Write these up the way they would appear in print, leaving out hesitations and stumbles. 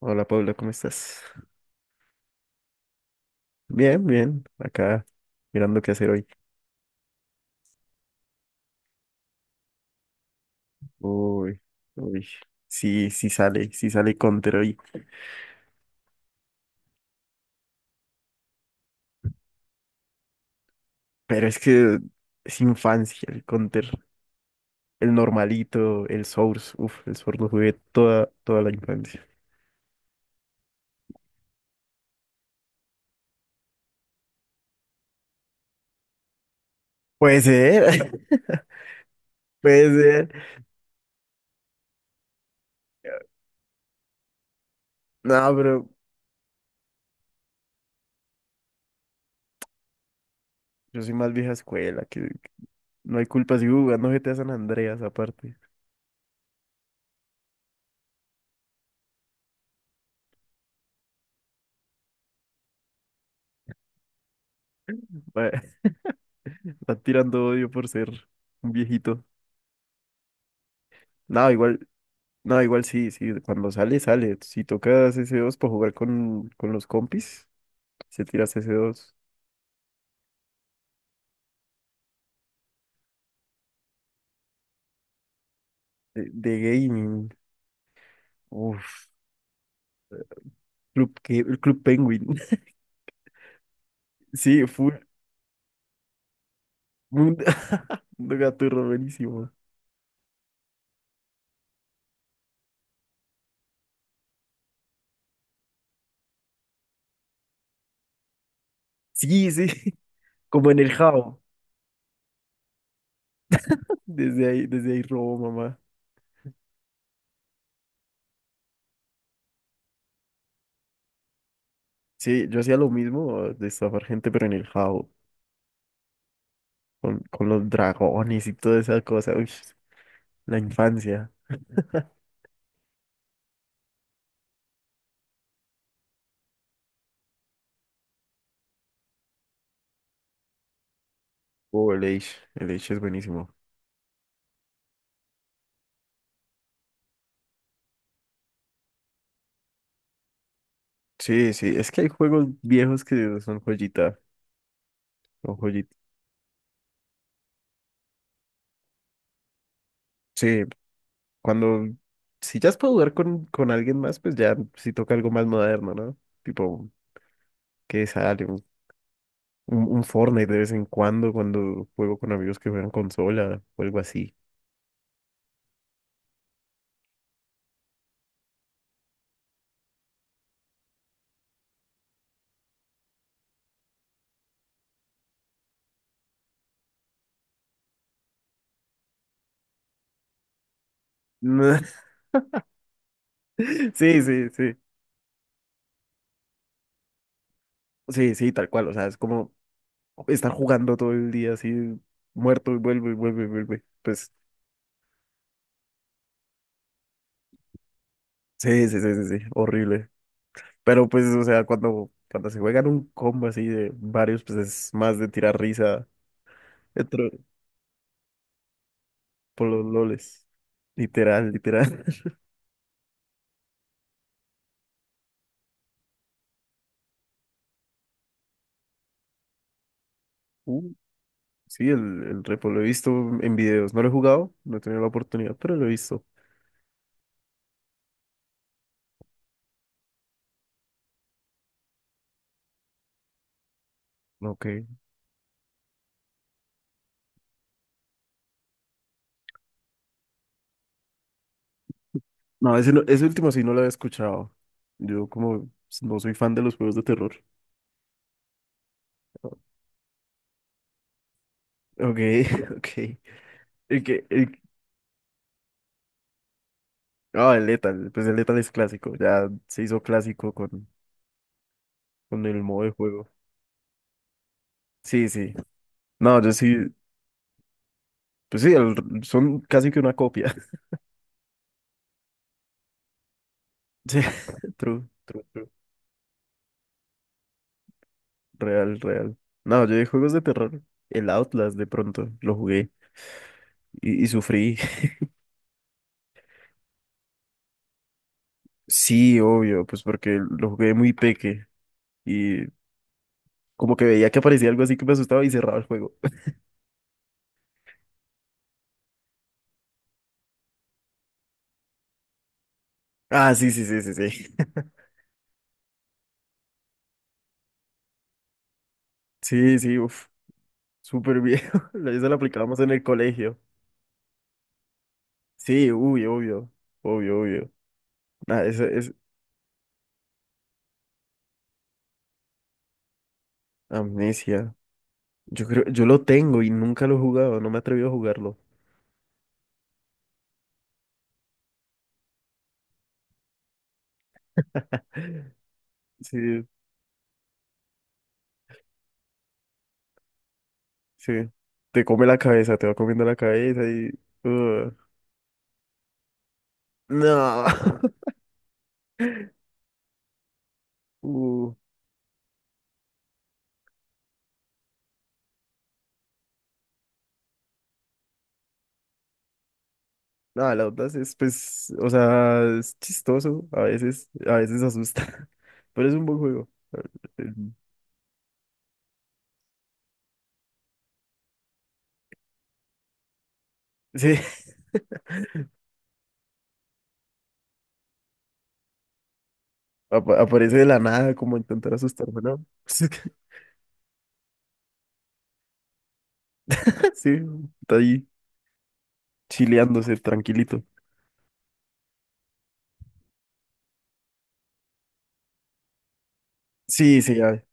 Hola Paula, ¿cómo estás? Bien, bien, acá mirando qué hacer hoy. Uy, uy, sí, sí sale Counter hoy, pero es que es infancia el Counter, el normalito, el Source, uf, el Source lo jugué toda, toda la infancia. Puede ser, puede ser. No, pero yo soy más vieja escuela, que no hay culpa si jugando G T a San Andreas aparte. Va- Están tirando odio por ser un viejito. No, igual. No, igual sí, sí, cuando sale, sale. Si tocas ese dos para jugar con los compis, se tiras ese dos de gaming. Uf, el Club Penguin. Sí, full mundo, mundo gaturro, buenísimo. Sí, sí, como en el Jao. Desde ahí robo, mamá. Sí, yo hacía lo mismo, de estafar gente, pero en el Jao, con los dragones y toda esa cosa. Uy, la infancia. Oh, el Age es buenísimo. Sí, sí, es que hay juegos viejos que son joyita, o joyita. Sí, cuando, si ya es para jugar con alguien más, pues ya sí toca algo más moderno, ¿no? Tipo, que sale un Fortnite de vez en cuando, cuando juego con amigos que juegan consola o algo así. Sí, sí, sí, sí, sí, tal cual, o sea, es como estar jugando todo el día así, muerto y vuelve y vuelve y vuelve. Pues, sí, sí, sí, sí, sí, horrible. Pero pues, o sea, cuando se juegan un combo así de varios, pues es más de tirar risa dentro- por los loles. Literal, literal. Uh, sí, el repo lo he visto en videos. No lo he jugado, no he tenido la oportunidad, pero lo he visto. Ok. No, ese, ese último sí no lo había escuchado. Yo como no soy fan de los juegos de terror. Ok, ok. El que, el, ah, el Lethal, pues el Lethal es clásico, ya se hizo clásico con el modo de juego. Sí, sí. No, yo sí. Pues sí, son casi que una copia. Sí, true, true, true. Real, real. No, yo de juegos de terror, el Outlast de pronto lo jugué y sufrí. Sí, obvio, pues porque lo jugué muy peque y como que veía que aparecía algo así que me asustaba y cerraba el juego. Ah, sí, sí, sí, sí, sí. Sí, sí, uff, súper viejo. Eso lo aplicábamos en el colegio. Sí, uy, obvio, obvio, obvio. Nada, eso es amnesia. Yo creo, yo lo tengo y nunca lo he jugado, no me he atrevido a jugarlo. Sí. Sí. Te come la cabeza, te va comiendo la cabeza y... uh, no. Uh, no, la onda es, pues, o sea, es chistoso, a veces asusta, pero es un buen juego. Eh, Sí, aparece de la nada como a intentar asustarme, ¿no? Sí, está ahí chileándose, tranquilito. Sí, sí, ya,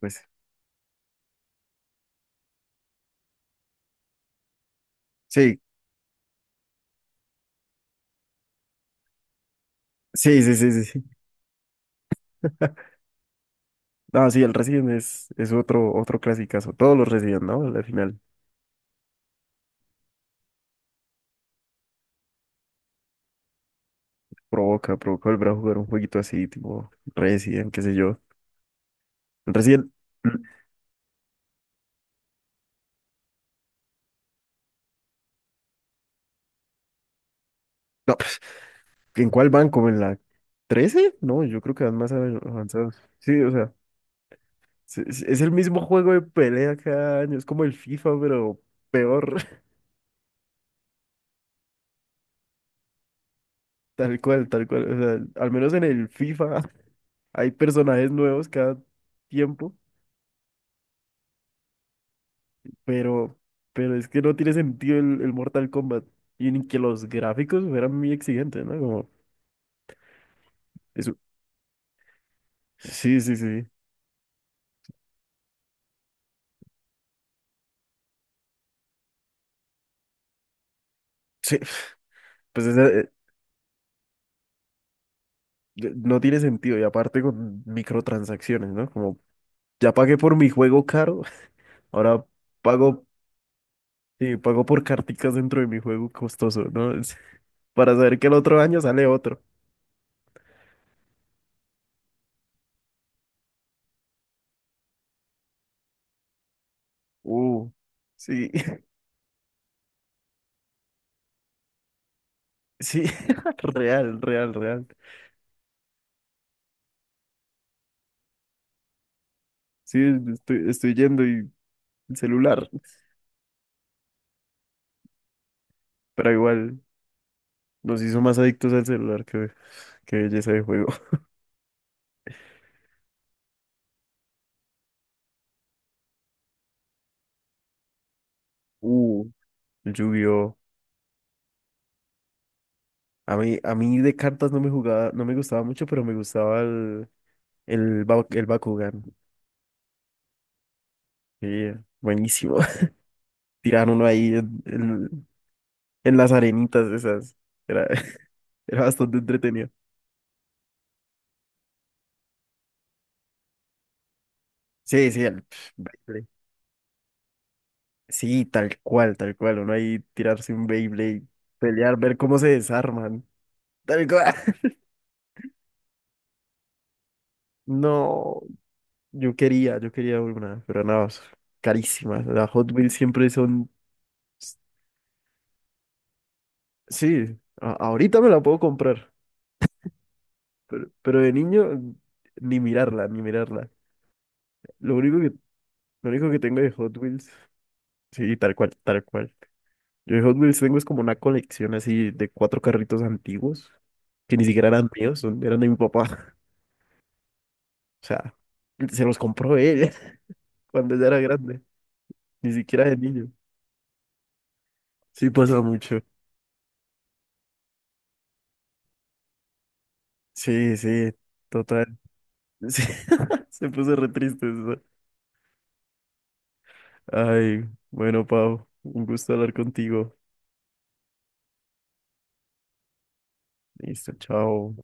pues, sí, sí, sí, sí, sí, sí. No, sí, el Resident es otro, otro clasicazo, todos los Resident, ¿no? Al final. Provoca, provoca volver a jugar un jueguito así, tipo Resident, qué sé yo. El Resident, mm, no, pues, ¿en cuál van? ¿Como en la trece? No, yo creo que van más avanzados. Sí, o sea, es el mismo juego de pelea cada año, es como el FIFA, pero peor. Tal cual, tal cual. O sea, al menos en el FIFA hay personajes nuevos cada tiempo, pero, pero es que no tiene sentido el Mortal Kombat. Y ni que los gráficos fueran muy exigentes, ¿no? Como, eso. Sí, sí, sí. Sí. Pues es, eh, no tiene sentido. Y aparte con microtransacciones, ¿no? Como ya pagué por mi juego caro, ahora pago, sí, pago por carticas dentro de mi juego costoso, ¿no? Para saber que el otro año sale otro. Uh, sí, sí, real, real, real. Sí, estoy, estoy yendo y el celular, pero igual nos hizo más adictos al celular que belleza de juego. Uh, el Yu-Gi-Oh! A mí de cartas no me jugaba, no me gustaba mucho, pero me gustaba el Bakugan. Sí, buenísimo. Tiraban uno ahí en las arenitas esas. Era, era bastante entretenido. Sí, sí, el pf, Beyblade. Sí, tal cual, tal cual. Uno ahí tirarse un Beyblade, pelear, ver cómo se desarman. Tal cual. No, yo quería una, pero nada, es carísima. Las Hot Wheels siempre son... Sí, ahorita me la puedo comprar, pero de niño ni mirarla, ni mirarla. Lo único que Lo único que tengo de Hot Wheels, sí, tal cual, tal cual. Yo de Hot Wheels tengo es como una colección así de cuatro carritos antiguos, que ni siquiera eran míos, eran de mi papá. O sea, se los compró él cuando ya era grande, ni siquiera de niño. Sí, pasa mucho. Sí, sí, total. Sí, se puso re triste eso. Ay, bueno, Pau, un gusto hablar contigo. Listo, chao.